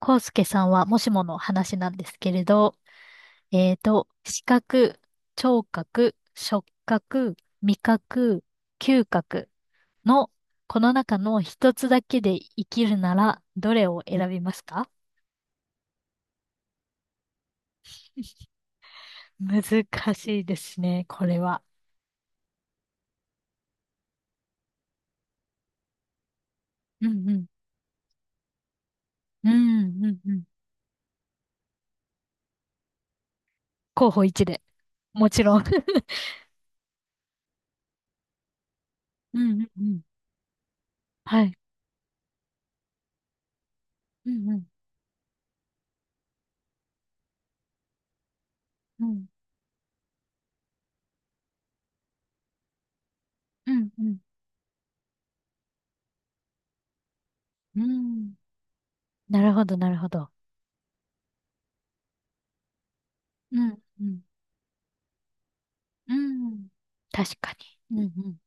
康介さんはもしもの話なんですけれど、視覚、聴覚、触覚、味覚、嗅覚のこの中の一つだけで生きるならどれを選びますか？難しいですね、これは。うんうん。うんうんうん。候補1で。もちろん。うんうんうん。はい。うんうんうん。うんうん。うん。なるほど、なるほど。うんうん。うん。確かに。うんうん。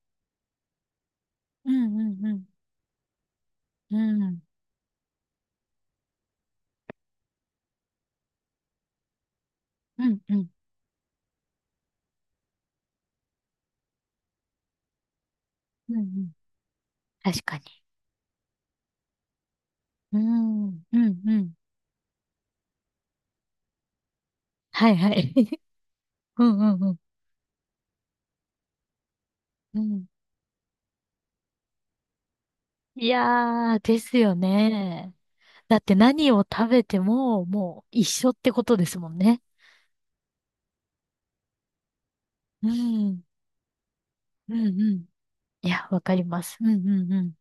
うんうんうん。うん。うんうん。うんうん。確かに。うん。うんうん。はいはい。うんうんうん。うん。いやー、ですよね。だって何を食べても、もう一緒ってことですもんね。うん。うんうん。いや、わかります。うんうんうん。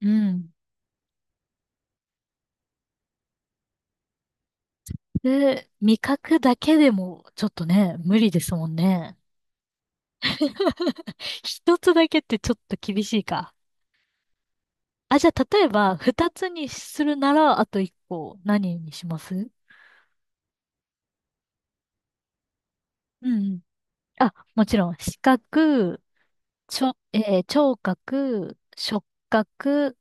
うん。で、味覚だけでも、ちょっとね、無理ですもんね。一つだけってちょっと厳しいか。あ、じゃあ、例えば、二つにするなら、あと一個、何にしますうんうん。あ、もちろん、視覚、ちょ、えー聴覚、触覚、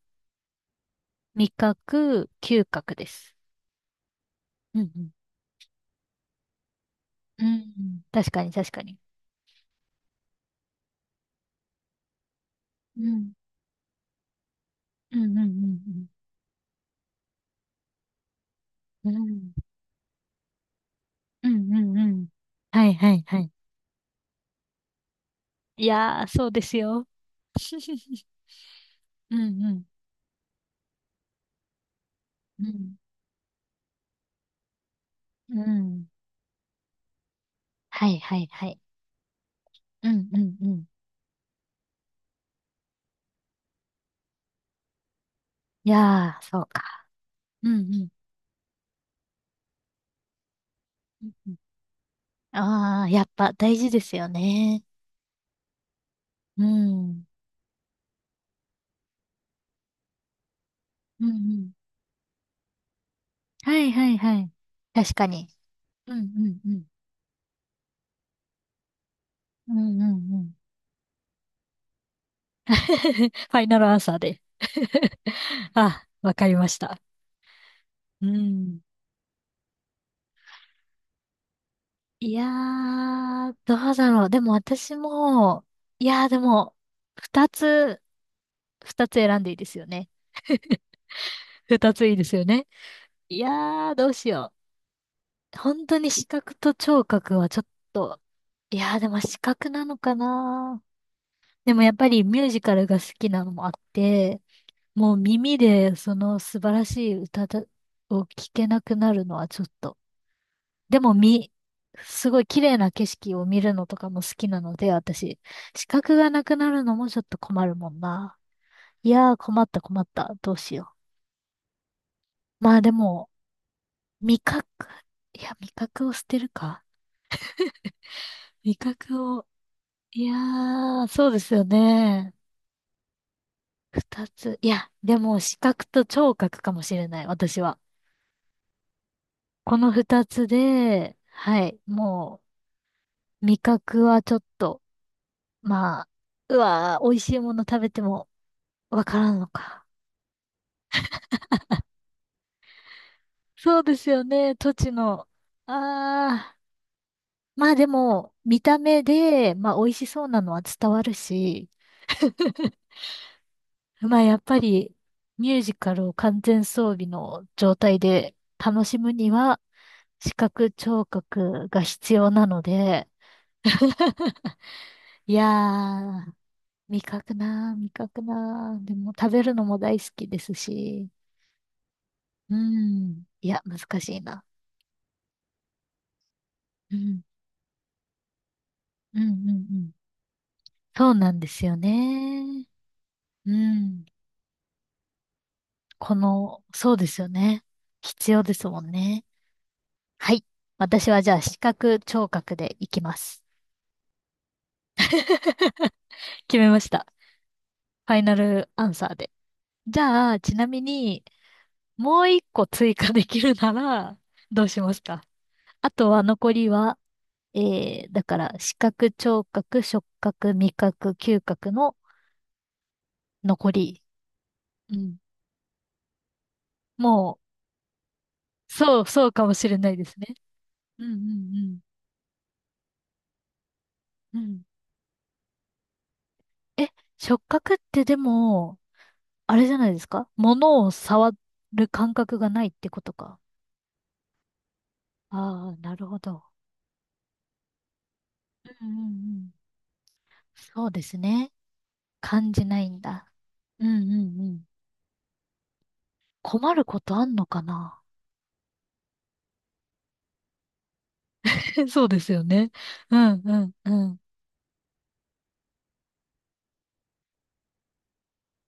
味覚、嗅覚です。うんうん。うんうん、確かに、確かに。うん。うんうんうんうん。うん。うんうんうん。はいはいはい。いやー、そうですよ。うんうん。うん。うん。はいはいはい。うんうんうん。いやー、そうか。うんうん。ああー、やっぱ大事ですよね。うん。うんうん。はいはいはい。確かに。うんうんうん。うんうんうん。ファイナルアンサーで。あ、わかりました。うん。いやー、どうだろう。でも私も、いやーでも、二つ、二つ選んでいいですよね。二ついいですよね。いやー、どうしよう。本当に視覚と聴覚はちょっと、いやーでも視覚なのかな。でもやっぱりミュージカルが好きなのもあって、もう耳でその素晴らしい歌だを聞けなくなるのはちょっと。でもすごい綺麗な景色を見るのとかも好きなので、私、視覚がなくなるのもちょっと困るもんな。いやー困った困った。どうしよう。まあでも、味覚、いや、味覚を捨てるか。味覚を、いやー、そうですよね。二つ。いや、でも視覚と聴覚かもしれない、私は。この二つで、はい、もう、味覚はちょっと、まあ、うわー、美味しいもの食べてもわからんのか。そうですよね、土地の。あー、まあでも、見た目で、まあ美味しそうなのは伝わるし、まあ、やっぱりミュージカルを完全装備の状態で楽しむには、視覚聴覚が必要なので、いやー、味覚なー、味覚なー。でも食べるのも大好きですし、うん、いや、難しいな。うん、うん、うん、うん。そうなんですよね。うん、この、そうですよね。必要ですもんね。はい。私はじゃあ視覚聴覚でいきます。決めました。ファイナルアンサーで。じゃあ、ちなみに、もう一個追加できるなら、どうしますか？あとは残りは、えー、だから、視覚、聴覚、触覚、味覚、嗅覚の残り。うん。もう、そう、そうかもしれないですね。うんうんうん。うん。え、触覚ってでも、あれじゃないですか？物を触る感覚がないってことか。ああ、なるほど。うんうんうん。そうですね。感じないんだ。うんうんうん。困ることあんのかな。 そうですよね。うんうんうん。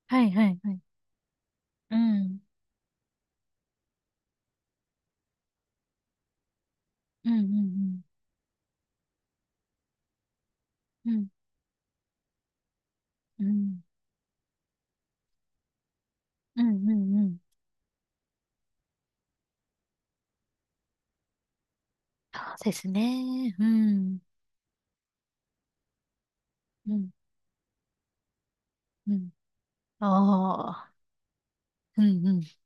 はいはいはい。うん。うんうんうん。うんうん。うんうんうん。そうですね。うん。うんうん。ああ。うんうん。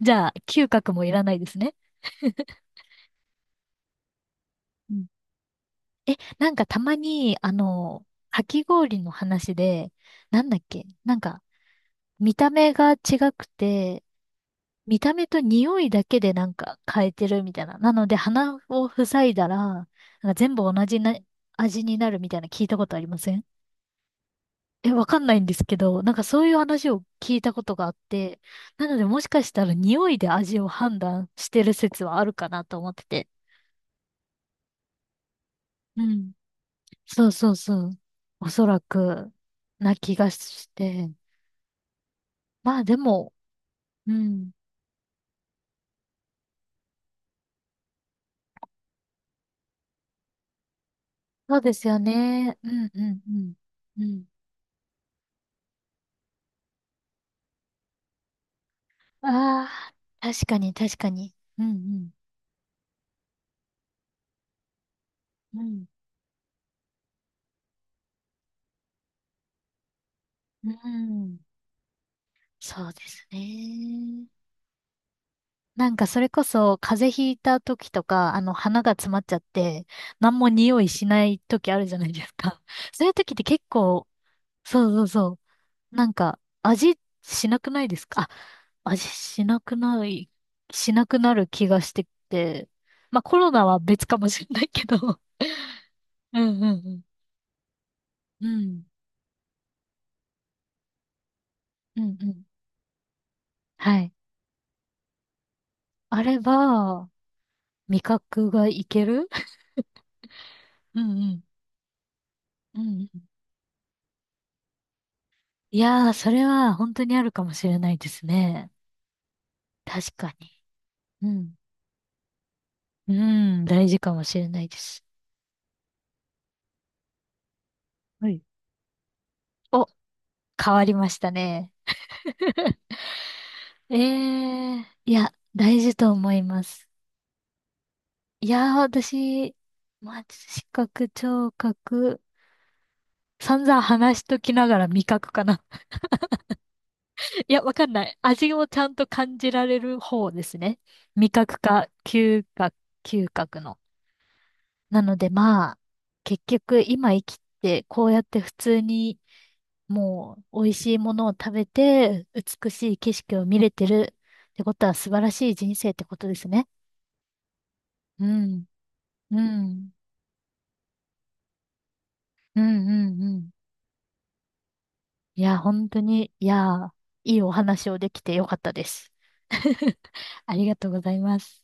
じゃあ、嗅覚もいらないですね。うん。 え、なんかたまに、あの、かき氷の話で、なんだっけ、なんか、見た目が違くて、見た目と匂いだけでなんか変えてるみたいな。なので鼻を塞いだら、なんか全部同じな味になるみたいな、聞いたことありませんえ、わかんないんですけど、なんかそういう話を聞いたことがあって、なのでもしかしたら匂いで味を判断してる説はあるかなと思ってて。うん。そうそうそう。おそらく、な気がして。まあでも、うん。そうですよね。うんうんうん。うん。ああ、確かに確かに。うんうん。うん。うん。そうですね。なんかそれこそ風邪ひいた時とか、あの鼻が詰まっちゃって、何も匂いしない時あるじゃないですか。そういう時って結構、そうそうそう。なんか味しなくないですか？あ、味しなくない、しなくなる気がしてきて。まあコロナは別かもしれないけど。うんうんうん。うん。うんうん。はい。あれば、味覚がいける。うんうん。うんうん。いやー、それは本当にあるかもしれないですね。確かに。うん。うん、大事かもしれないです。はい。お、変わりましたね。ええ、いや、大事と思います。いやー、私、まあ、視覚、聴覚、散々話しときながら味覚かな。いや、わかんない。味をちゃんと感じられる方ですね。味覚か、嗅覚、嗅覚の。なのでまあ、結局今生きて、こうやって普通にもう美味しいものを食べて、美しい景色を見れてるってことは素晴らしい人生ってことですね。うん、うん、うん、うん、うん。いや、本当に、いや、いいお話をできてよかったです。ありがとうございます。